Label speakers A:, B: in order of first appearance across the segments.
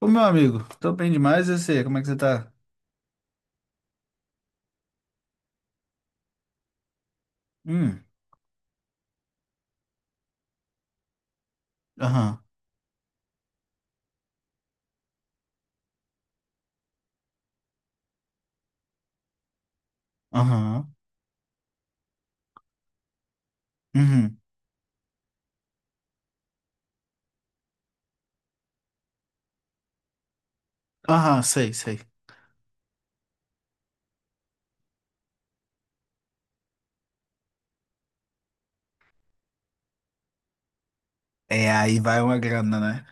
A: Ô, meu amigo, tô bem demais, eu sei. Como é que você tá? Hum, aham, aham, uhum, aham, sei, sei. É, aí vai uma grana, né?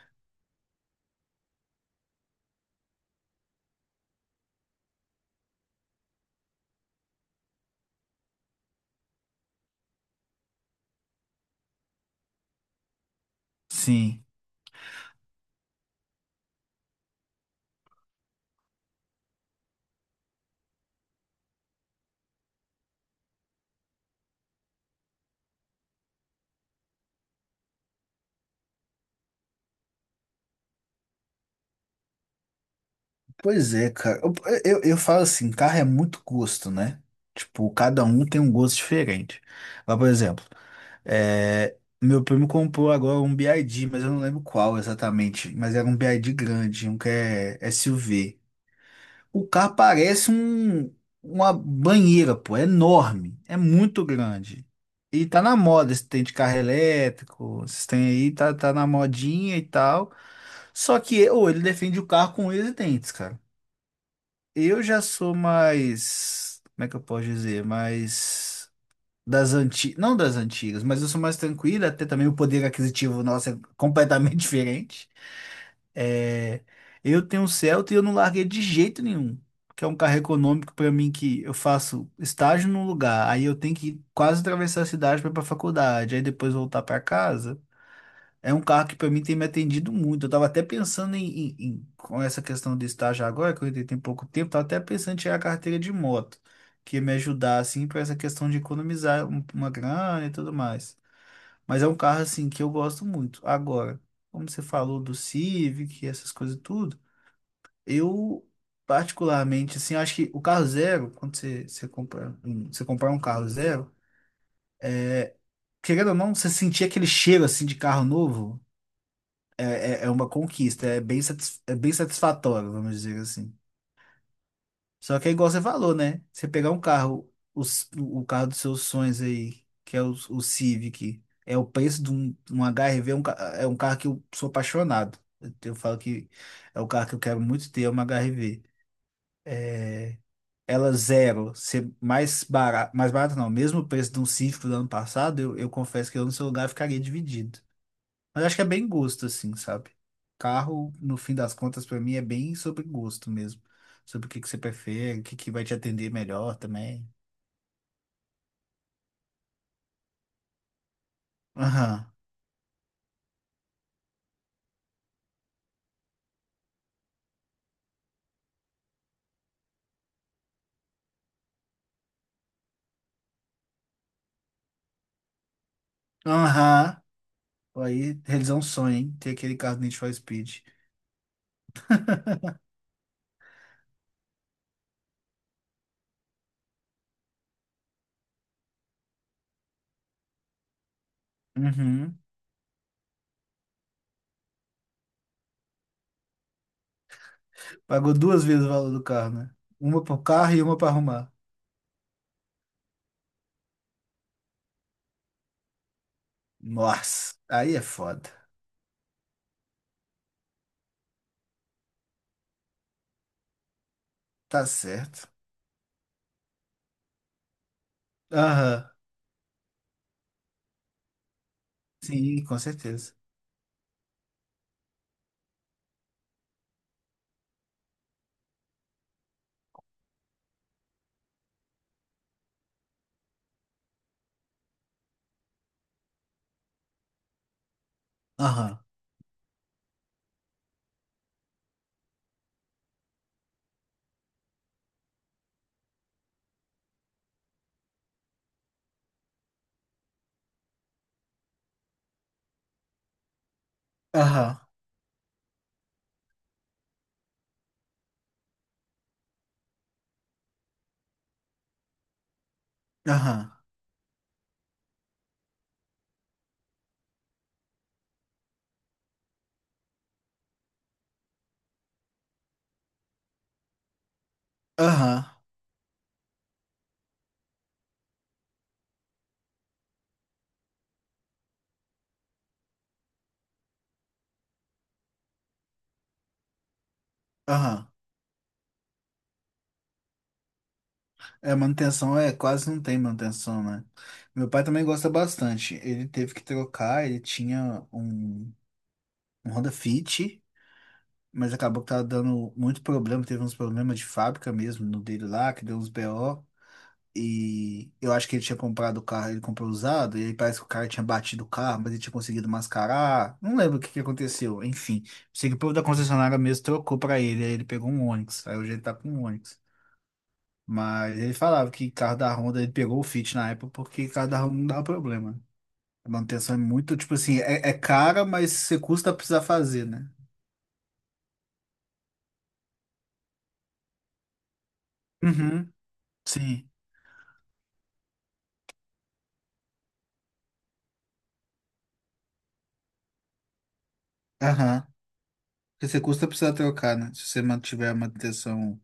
A: Sim. Pois é, cara. Eu falo assim, carro é muito gosto, né? Tipo, cada um tem um gosto diferente. Mas, por exemplo, é, meu primo comprou agora um BYD, mas eu não lembro qual exatamente. Mas era um BYD grande, um que é SUV. O carro parece uma banheira, pô, é enorme, é muito grande. E tá na moda esse tem de carro elétrico, esses tem aí, tá, tá na modinha e tal. Só que ou ele defende o carro com unhas e dentes, cara. Eu já sou mais, como é que eu posso dizer? Mais das antigas, não das antigas, mas eu sou mais tranquila, até também o poder aquisitivo nosso é completamente diferente. É, eu tenho um Celta e eu não larguei de jeito nenhum, que é um carro econômico para mim que eu faço estágio num lugar, aí eu tenho que quase atravessar a cidade para ir para faculdade, aí depois voltar para casa. É um carro que para mim tem me atendido muito. Eu tava até pensando em, com essa questão de estágio agora, que eu entrei tem pouco tempo, tava até pensando em tirar a carteira de moto, que ia me ajudar assim para essa questão de economizar uma grana e tudo mais. Mas é um carro assim que eu gosto muito. Agora, como você falou do Civic, essas coisas tudo, eu particularmente assim, acho que o carro zero, quando você compra, você comprar um carro zero, querendo ou não, você sentir aquele cheiro assim de carro novo. É, é uma conquista, é bem, é bem satisfatório, vamos dizer assim. Só que é igual você falou, né? Você pegar um carro, o carro dos seus sonhos aí, que é o Civic, é o preço de um HR-V, é é um carro que eu sou apaixonado. Eu falo que é o carro que eu quero muito ter, é uma HR-V. É, ela zero, ser mais barato não, mesmo o preço de um Civic do ano passado, eu confesso que eu no seu lugar ficaria dividido. Mas acho que é bem gosto, assim, sabe? Carro, no fim das contas, pra mim é bem sobre gosto mesmo. Sobre o que que você prefere, o que que vai te atender melhor também. Aham. Aham. Aí realizar um sonho, hein? Ter aquele carro do Need for Speed. Uhum. Pagou duas vezes o valor do carro, né? Uma pro carro e uma pra arrumar. Nossa, aí é foda. Tá certo. Aham. Sim, com certeza. Aham. Aham. Aham. Aham. Aham. É, manutenção é quase não tem manutenção, né? Meu pai também gosta bastante. Ele teve que trocar, ele tinha um Honda Fit, mas acabou que tava dando muito problema, teve uns problemas de fábrica mesmo no dele lá, que deu uns BO. E eu acho que ele tinha comprado o carro, ele comprou usado, e aí parece que o cara tinha batido o carro, mas ele tinha conseguido mascarar. Não lembro o que que aconteceu. Enfim, sei que o povo da concessionária mesmo trocou pra ele, aí ele pegou um Onix, aí hoje ele tá com um Onix. Mas ele falava que carro da Honda, ele pegou o Fit na época porque carro da Honda não dava problema. A manutenção é muito, tipo assim, é cara, mas você custa a precisar fazer, né? Uhum, sim. Aham. Porque você custa precisar trocar, né? Se você mantiver a manutenção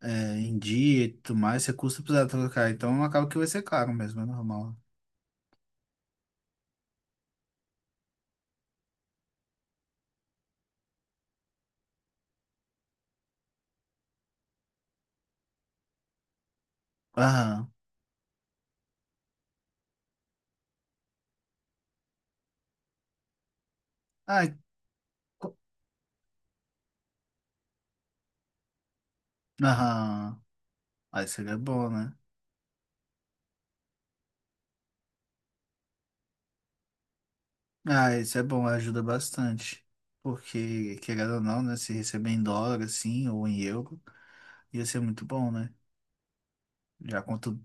A: em dia e tudo mais, você custa precisar trocar. Então acaba que vai ser caro mesmo, é normal. Aham. Ai, co- aham. Ah, isso aí é bom, né? Ah, isso é bom, ajuda bastante. Porque, querendo ou não, né? Se receber em dólar, assim, ou em euro. Ia ser muito bom, né? Já conto.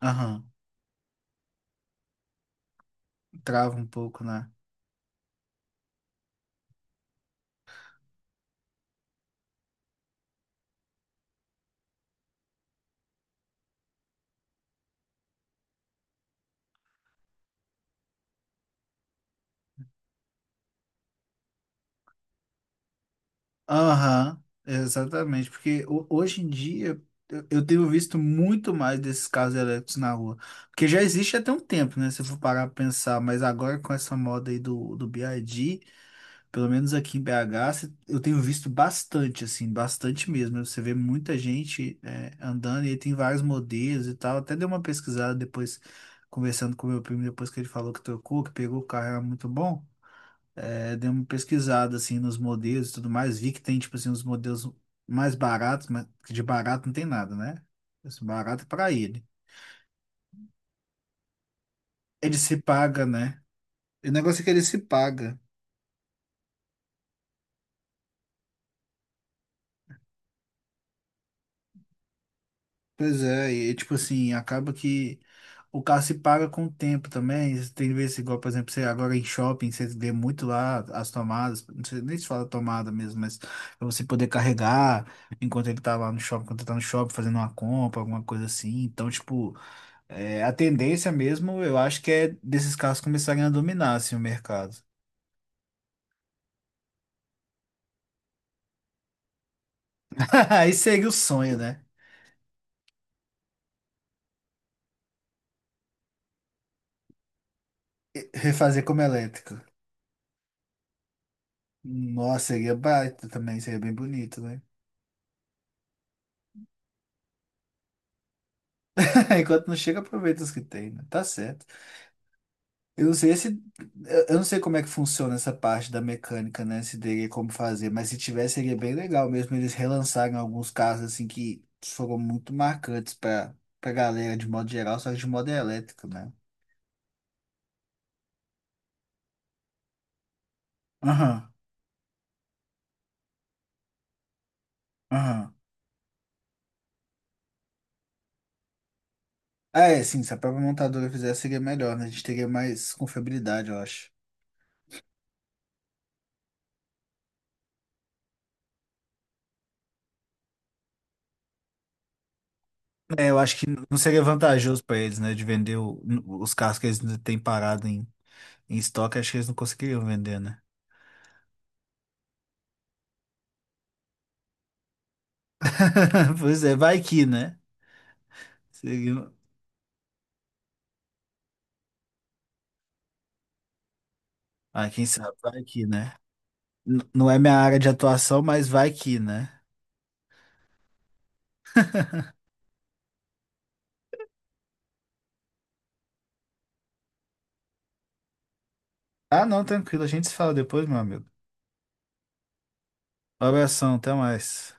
A: Aham. Trava um pouco, né? Aham. Exatamente. Porque hoje em dia eu tenho visto muito mais desses carros elétricos na rua. Porque já existe até um tempo, né? Se eu for parar pra pensar. Mas agora com essa moda aí do, do BYD. Pelo menos aqui em BH, eu tenho visto bastante, assim, bastante mesmo. Você vê muita gente andando e aí tem vários modelos e tal. Até dei uma pesquisada depois, conversando com meu primo, depois que ele falou que trocou, que pegou o carro, era muito bom. É, dei uma pesquisada, assim, nos modelos e tudo mais. Vi que tem, tipo assim, uns modelos mais baratos, mas que de barato não tem nada, né? Esse barato é pra ele. Ele se paga, né? O negócio é que ele se paga. Pois é, e tipo assim, acaba que o carro se paga com o tempo também. Tem vezes igual, por exemplo, você agora em shopping, você vê muito lá as tomadas, não sei nem se fala tomada mesmo, mas pra você poder carregar enquanto ele tá lá no shopping, enquanto tá no shopping fazendo uma compra, alguma coisa assim. Então, tipo, a tendência mesmo, eu acho que é desses carros começarem a dominar assim, o mercado. Aí seria o sonho, né? Refazer como elétrico. Nossa, seria baita também, seria bem bonito, né? Enquanto não chega, aproveita os que tem, né? Tá certo. Eu não sei se, eu não sei como é que funciona essa parte da mecânica, né? Se teria como fazer, mas se tivesse, seria bem legal mesmo. Eles relançarem alguns casos assim que foram muito marcantes pra galera de modo geral, só que de modo elétrico, né? Aham, aham. Ah, é, sim, se a própria montadora fizesse, seria melhor, né? A gente teria mais confiabilidade, eu acho. É, eu acho que não seria vantajoso pra eles, né? De vender os carros que eles ainda têm parado em, em estoque, acho que eles não conseguiriam vender, né? Pois é, vai que, né? Seguindo- Ah, quem sabe, vai que, né? Não é minha área de atuação, mas vai que, né? Ah, não, tranquilo, a gente se fala depois, meu amigo. Um abração, até mais.